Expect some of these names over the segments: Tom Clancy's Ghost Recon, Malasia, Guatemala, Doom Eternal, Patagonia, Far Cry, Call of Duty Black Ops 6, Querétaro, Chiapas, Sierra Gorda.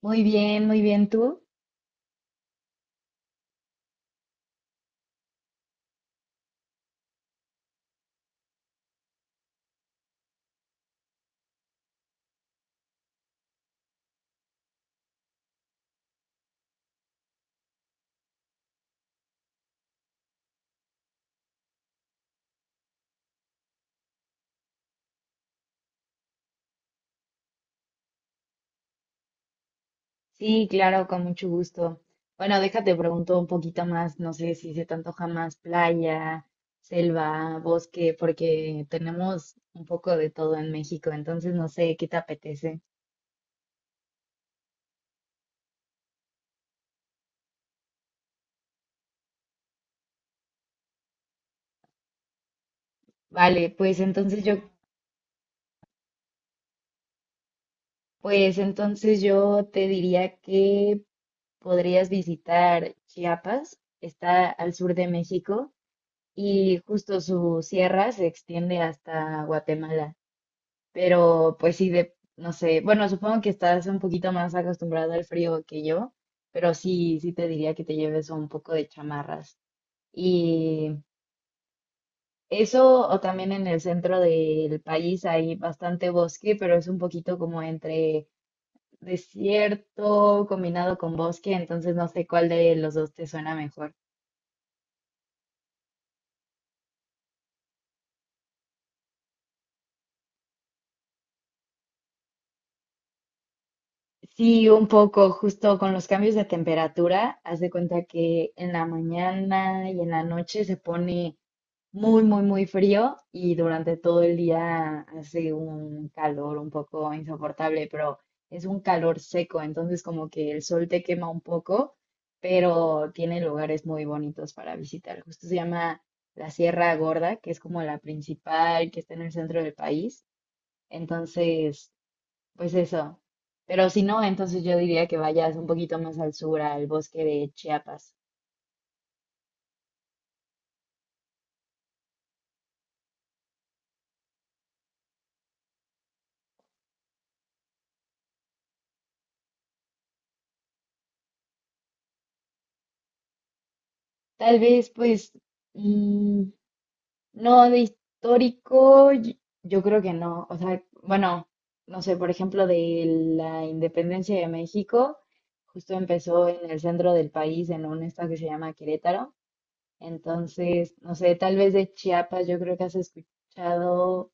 Muy bien, ¿tú? Sí, claro, con mucho gusto. Bueno, déjate pregunto un poquito más, no sé si se te antoja más playa, selva, bosque, porque tenemos un poco de todo en México, entonces no sé qué te apetece. Vale, pues entonces yo te diría que podrías visitar Chiapas, está al sur de México y justo su sierra se extiende hasta Guatemala. Pero pues sí, no sé, bueno, supongo que estás un poquito más acostumbrado al frío que yo, pero sí, sí te diría que te lleves un poco de chamarras. Y eso, o también en el centro del país hay bastante bosque, pero es un poquito como entre desierto combinado con bosque, entonces no sé cuál de los dos te suena mejor. Sí, un poco, justo con los cambios de temperatura, haz de cuenta que en la mañana y en la noche se pone muy, muy, muy frío y durante todo el día hace un calor un poco insoportable, pero es un calor seco, entonces como que el sol te quema un poco, pero tiene lugares muy bonitos para visitar. Justo se llama la Sierra Gorda, que es como la principal que está en el centro del país. Entonces, pues eso. Pero si no, entonces yo diría que vayas un poquito más al sur, al bosque de Chiapas. Tal vez, pues, mm, No, de histórico, yo creo que no. O sea, bueno, no sé, por ejemplo, de la independencia de México, justo empezó en el centro del país, en un estado que se llama Querétaro. Entonces, no sé, tal vez de Chiapas, yo creo que has escuchado,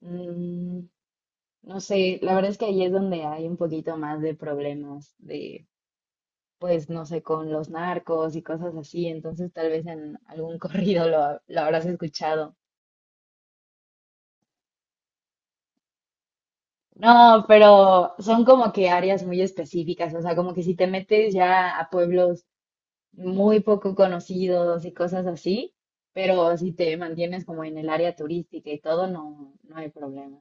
mm, no sé, la verdad es que ahí es donde hay un poquito más de problemas de, pues, no sé, con los narcos y cosas así. Entonces, tal vez en algún corrido lo habrás escuchado. No, pero son como que áreas muy específicas, o sea, como que si te metes ya a pueblos muy poco conocidos y cosas así, pero si te mantienes como en el área turística y todo, no, no hay problemas.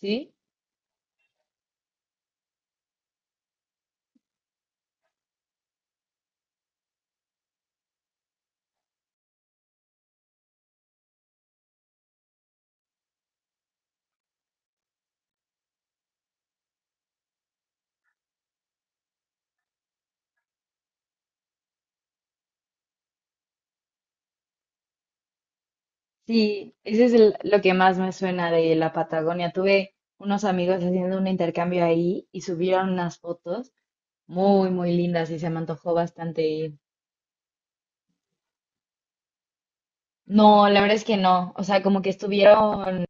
¿Sí? Sí, ese es lo que más me suena de la Patagonia. Tuve unos amigos haciendo un intercambio ahí y subieron unas fotos muy, muy lindas y se me antojó bastante ir. No, la verdad es que no, o sea, como que estuvieron.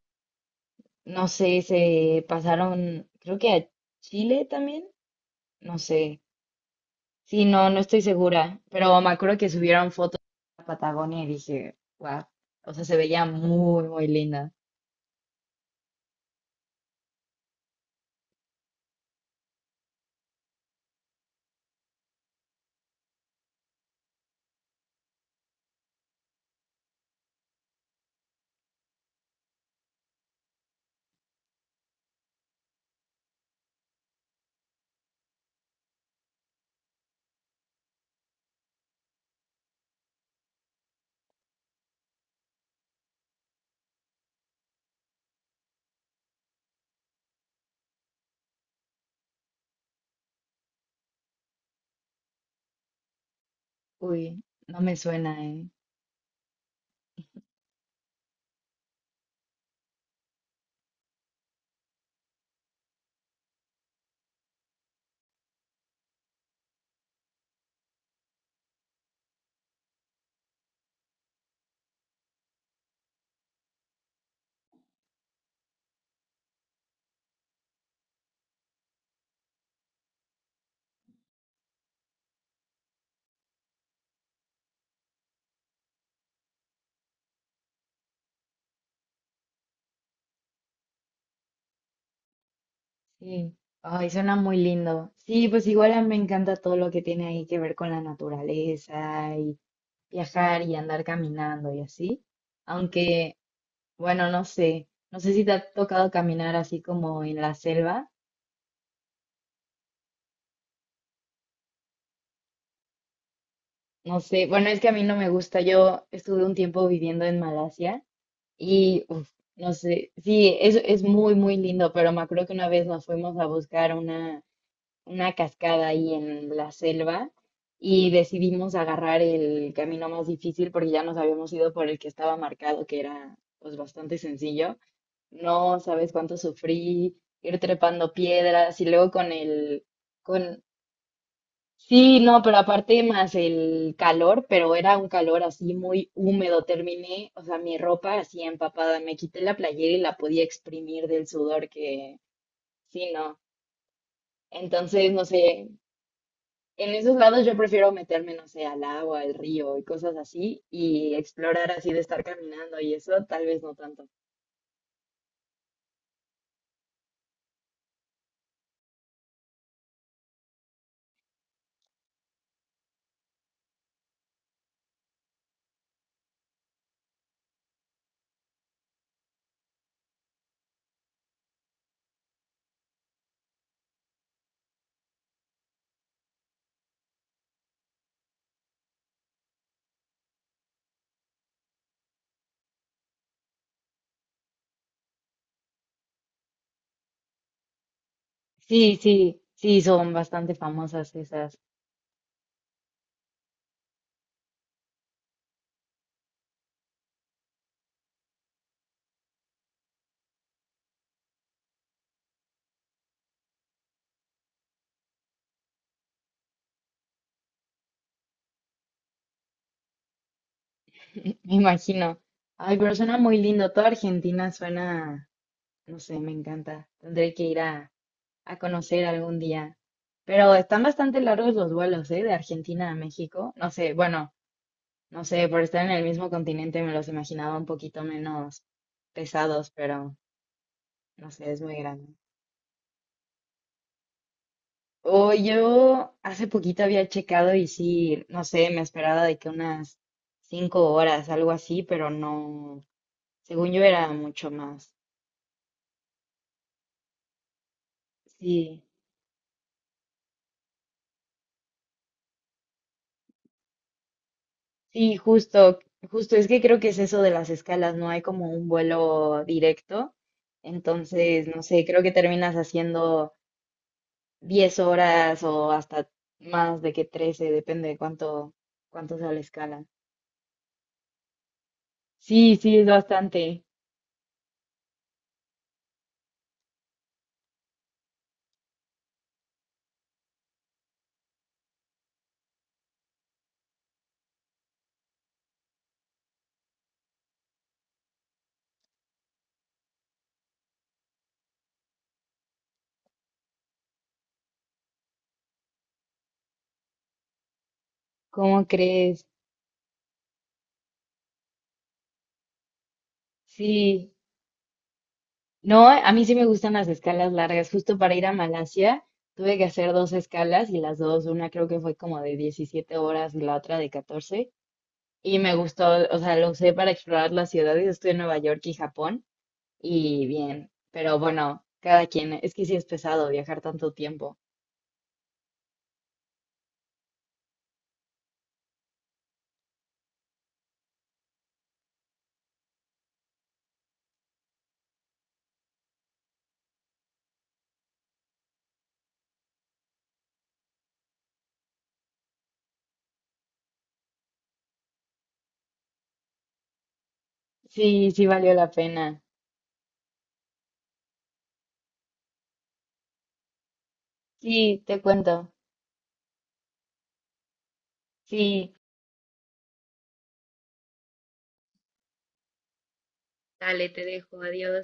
No sé, se pasaron, creo que a Chile también, no sé. Sí, no, no estoy segura, pero me acuerdo que subieron fotos a Patagonia y dije, wow, o sea, se veía muy, muy linda. Uy, no me suena, ¿eh? Sí, ay, suena muy lindo. Sí, pues igual a mí me encanta todo lo que tiene ahí que ver con la naturaleza y viajar y andar caminando y así. Aunque, bueno, no sé, no sé si te ha tocado caminar así como en la selva. No sé, bueno, es que a mí no me gusta. Yo estuve un tiempo viviendo en Malasia y, uf, no sé, sí, es muy, muy lindo, pero me acuerdo que una vez nos fuimos a buscar una cascada ahí en la selva y decidimos agarrar el camino más difícil porque ya nos habíamos ido por el que estaba marcado, que era pues bastante sencillo. No sabes cuánto sufrí, ir trepando piedras y luego con el... con Sí, no, pero aparte más el calor, pero era un calor así muy húmedo. Terminé, o sea, mi ropa así empapada. Me quité la playera y la podía exprimir del sudor que, sí, no. Entonces, no sé, en esos lados yo prefiero meterme, no sé, al agua, al río y cosas así y explorar así de estar caminando y eso, tal vez no tanto. Sí, sí, sí, son bastante famosas esas, me imagino. Ay, pero suena muy lindo. Toda Argentina suena, no sé, me encanta. Tendré que ir a conocer algún día. Pero están bastante largos los vuelos, ¿eh? De Argentina a México. No sé, bueno, no sé, por estar en el mismo continente me los imaginaba un poquito menos pesados, pero no sé, es muy grande. O yo hace poquito había checado y sí, no sé, me esperaba de que unas 5 horas, algo así, pero no, según yo era mucho más. Sí. Sí, justo, es que creo que es eso de las escalas, no hay como un vuelo directo, entonces, no sé, creo que terminas haciendo 10 horas o hasta más de que 13, depende de cuánto sea la escala. Sí, sí, es bastante. ¿Cómo crees? Sí, no, a mí sí me gustan las escalas largas, justo para ir a Malasia tuve que hacer dos escalas y las dos, una creo que fue como de 17 horas y la otra de 14. Y me gustó, o sea, lo usé para explorar las ciudades. Estuve en Nueva York y Japón y bien, pero bueno, cada quien, es que sí es pesado viajar tanto tiempo. Sí, sí valió la pena. Sí, te cuento. Sí. Dale, te dejo. Adiós.